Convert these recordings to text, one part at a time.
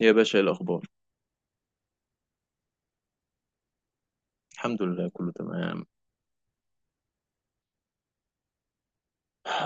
يا باشا، إيه الأخبار؟ الحمد لله كله تمام.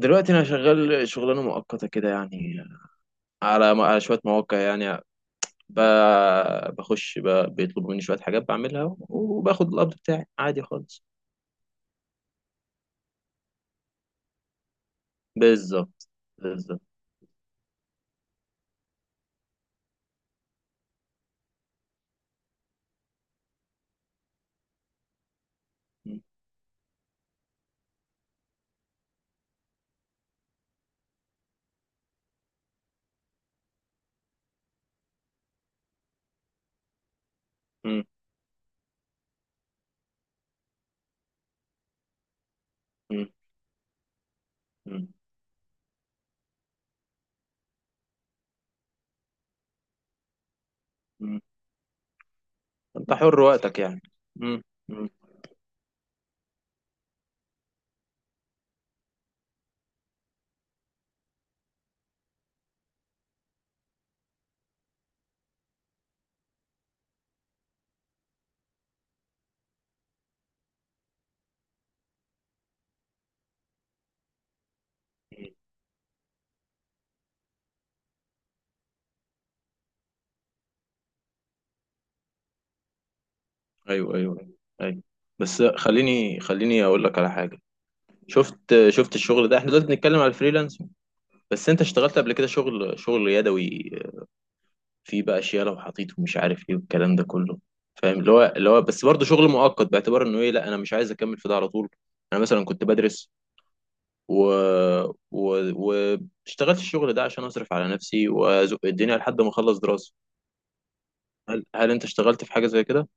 دلوقتي أنا شغال شغلانة مؤقتة كده يعني على شوية مواقع، يعني ب... بخش ب... بيطلبوا مني شوية حاجات بعملها وباخد القبض بتاعي عادي خالص. بالظبط بالظبط. م- م- م- م- م. أنت حر وقتك يعني. م- م- م. أيوه أيوه أيوه. بس خليني أقول لك على حاجة. شفت الشغل ده، احنا دلوقتي بنتكلم على الفريلانس، بس انت اشتغلت قبل كده شغل يدوي، في بقى اشياء لو حطيته مش عارف ايه والكلام ده كله، فاهم اللي هو بس برضه شغل مؤقت باعتبار انه ايه، لا انا مش عايز اكمل في ده على طول. انا مثلا كنت بدرس و و واشتغلت الشغل ده عشان اصرف على نفسي وازق الدنيا لحد ما اخلص دراسه. هل انت اشتغلت في حاجه زي كده؟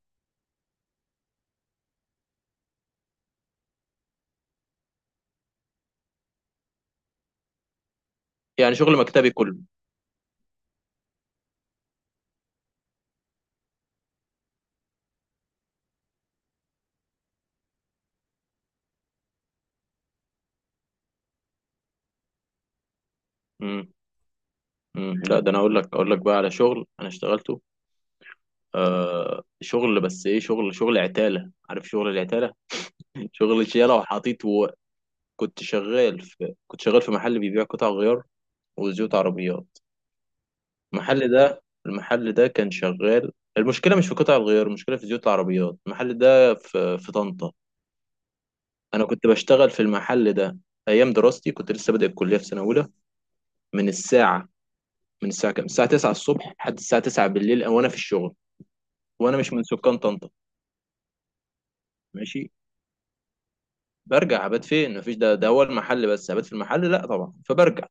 يعني شغل مكتبي كله. امم لا ده انا اقول لك بقى على شغل انا اشتغلته. آه شغل، بس ايه؟ شغل عتاله، عارف شغل العتاله؟ شغل شيله وحاطيت. كنت شغال في محل بيبيع قطع غيار وزيوت عربيات. المحل ده كان شغال. المشكلة مش في قطع الغيار، المشكلة في زيوت العربيات. المحل ده في طنطا. أنا كنت بشتغل في المحل ده أيام دراستي، كنت لسه بادئ الكلية في سنة أولى. من الساعة من الساعة كام؟ الساعة 9 الصبح لحد الساعة 9 بالليل وأنا في الشغل، وأنا مش من سكان طنطا. ماشي. برجع أبات فين؟ مفيش، ده هو المحل، بس أبات في المحل لا طبعا، فبرجع.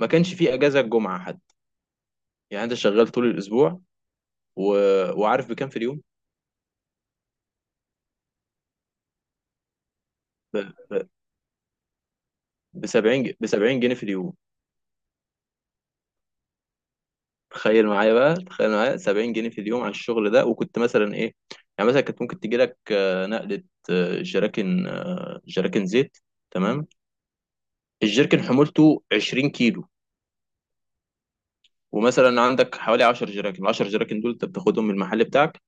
ما كانش فيه أجازة الجمعة حتى، يعني أنت شغال طول الأسبوع و... وعارف بكام في اليوم؟ ب... ب... ب 70 ب 70 جنيه في اليوم. تخيل معايا بقى، تخيل معايا 70 جنيه في اليوم على الشغل ده. وكنت مثلا ايه، يعني مثلا كانت ممكن تجي لك نقلة، جراكن، جراكن زيت. تمام. الجركن حمولته 20 كيلو، ومثلا عندك حوالي 10 جراكن. ال 10 جراكن دول انت بتاخدهم من المحل بتاعك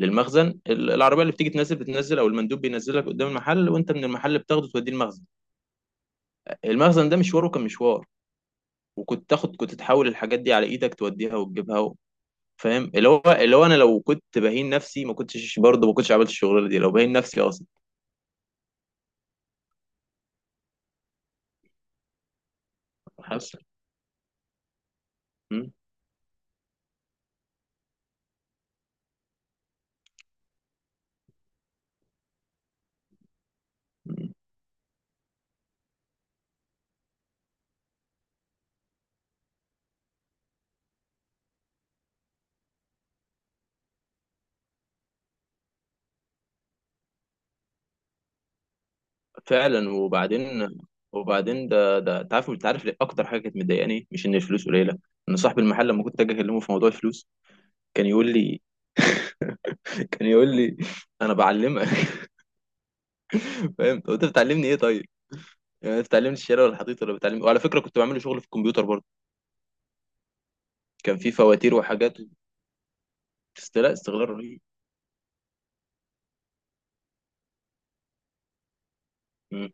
للمخزن. العربيه اللي بتيجي تنزل بتنزل او المندوب بينزلك قدام المحل، وانت من المحل بتاخده توديه المخزن. المخزن ده مشواره كان مشوار، وكنت تاخد كنت تحول الحاجات دي على ايدك توديها وتجيبها. فاهم اللي هو انا لو كنت بهين نفسي ما كنتش برضه، ما كنتش عملت الشغلانه دي لو بهين نفسي اصلا. حصل. مم. مم. فعلا. وبعدين ده انت عارف ليه اكتر حاجه كانت مضايقاني مش ان الفلوس قليله؟ ان صاحب المحل لما كنت اجي اكلمه في موضوع الفلوس كان يقول لي، كان يقول لي انا بعلمك. فاهم؟ طب انت بتعلمني ايه طيب؟ يعني انت بتعلمني الشارع ولا الحضيض ولا بتعلمني؟ وعلى فكره كنت بعمل له شغل في الكمبيوتر برضه، كان في فواتير وحاجات. لا استغلال رهيب. مم.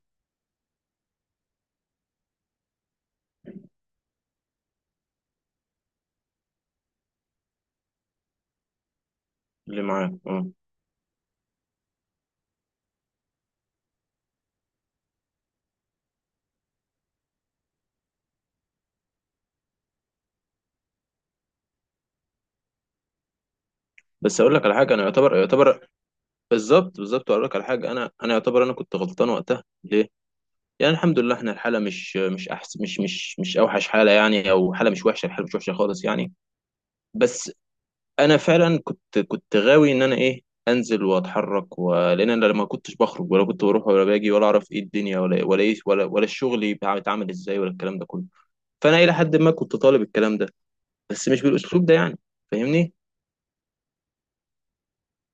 اللي معاه اه. بس اقول لك على حاجه، انا يعتبر. بالظبط بالظبط. اقول لك على حاجه، انا يعتبر انا كنت غلطان وقتها. ليه؟ يعني الحمد لله احنا الحاله مش احس، مش اوحش حاله يعني، او حاله مش وحشه، الحاله مش وحشه خالص يعني. بس انا فعلا كنت غاوي ان انا ايه، انزل واتحرك لان انا لما كنتش بخرج ولا كنت بروح ولا باجي ولا اعرف ايه الدنيا ولا ايه ولا الشغل يبقى بيتعمل ازاي ولا الكلام ده كله. فانا الى حد ما كنت طالب الكلام ده، بس مش بالاسلوب ده يعني، فاهمني.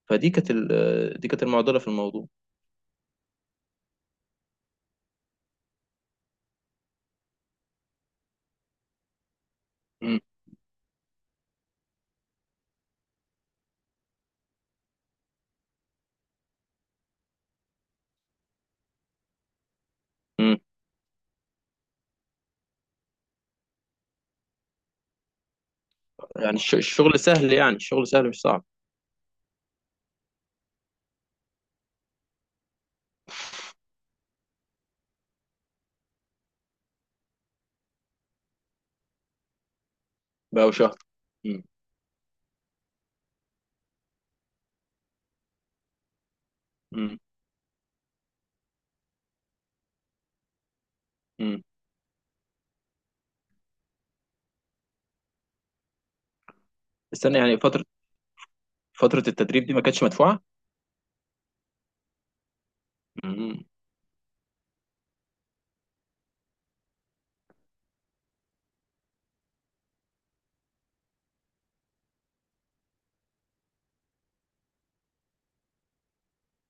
فدي كانت ال... دي كانت المعضله في الموضوع. يعني الشغل سهل، يعني الشغل سهل مش صعب. بقى شهر. مم. مم. مم. استنى، يعني فترة، فترة التدريب دي ما كانتش مدفوعة. مم.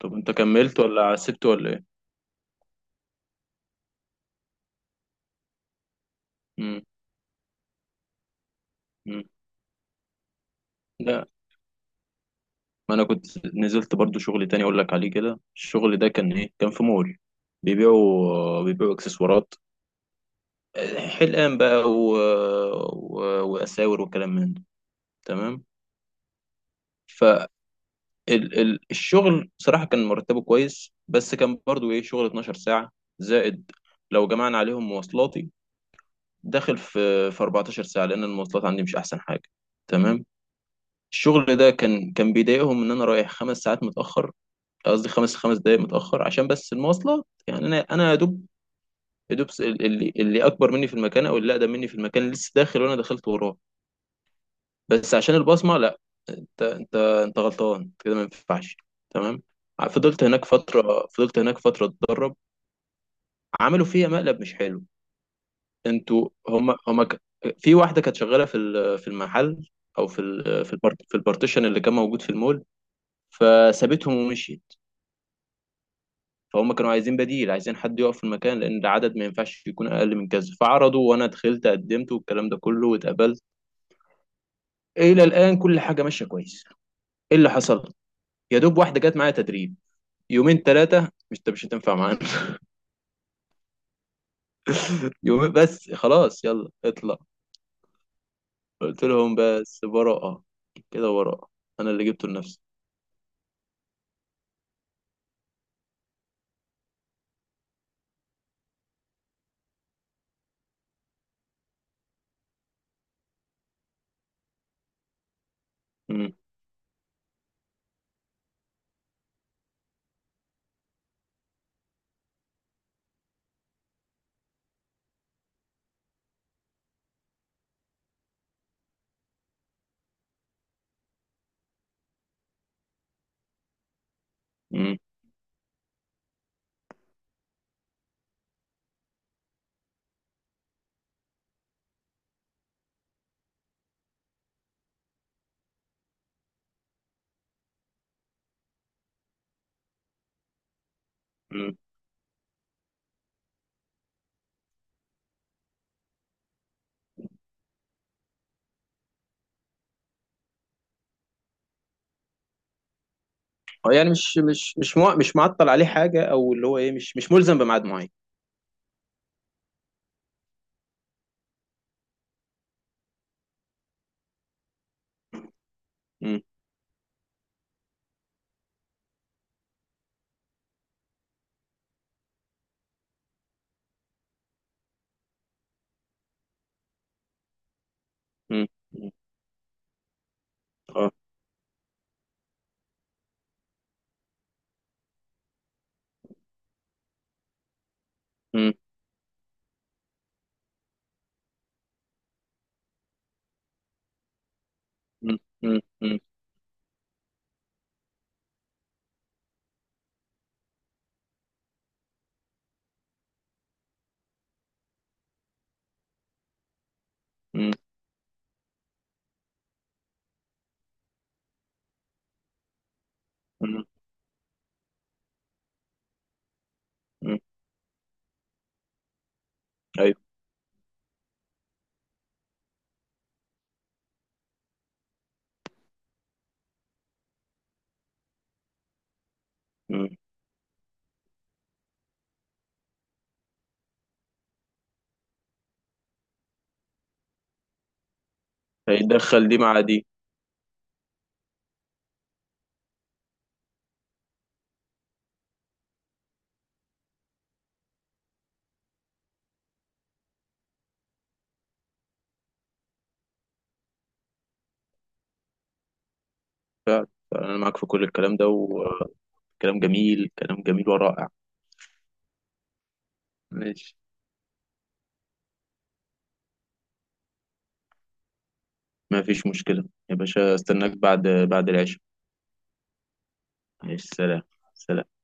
طب انت كملت ولا سبت ولا ايه؟ مم. مم. لا ما انا كنت نزلت برضو شغل تاني اقول لك عليه كده. الشغل ده كان ايه؟ كان في مول بيبيعوا اكسسوارات، حلقان بقى و... واساور وكلام من ده. تمام. ال ال الشغل صراحة كان مرتبه كويس، بس كان برضو ايه، شغل 12 ساعة زائد لو جمعنا عليهم مواصلاتي، داخل في 14 ساعة لأن المواصلات عندي مش أحسن حاجة. تمام. الشغل ده كان بيضايقهم إن أنا رايح خمس ساعات متأخر، قصدي خمس دقايق متأخر عشان بس المواصلات. يعني أنا يا دوب، يا دوب اللي أكبر مني في المكان أو اللي أقدم مني في المكان لسه داخل وأنا دخلت وراه. بس عشان البصمه، لا، انت غلطان، انت كده ما ينفعش. تمام. فضلت هناك فتره، فضلت هناك فتره اتدرب. عملوا فيها مقلب مش حلو. انتوا في واحده كانت شغاله في المحل، او في ال... في البارتيشن اللي كان موجود في المول، فسابتهم ومشيت. فهم كانوا عايزين بديل، عايزين حد يقف في المكان لان العدد ما ينفعش يكون اقل من كذا. فعرضوا وانا دخلت قدمت والكلام ده كله واتقبلت. الى الان كل حاجه ماشيه كويس. ايه اللي حصل؟ يا دوب واحده جت معايا تدريب يومين ثلاثة، مش هتنفع معانا. يومين بس، خلاص يلا اطلع. قلت لهم بس براءة، كده براءة، أنا اللي جبته لنفسي. مم. مم. مم. اه يعني مش معطل عليه حاجة، أو اللي هو إيه، مش ملزم بميعاد معين. مم. مم. مم. اه. مم. مم. مم. مم. مم. مم. مم. أيوه. مم. هيدخل دي مع دي. أنا معاك في كل الكلام ده، وكلام جميل، كلام جميل ورائع. ماشي. ما فيش مشكلة. يا باشا، استناك بعد العشاء. عليه السلام. سلام.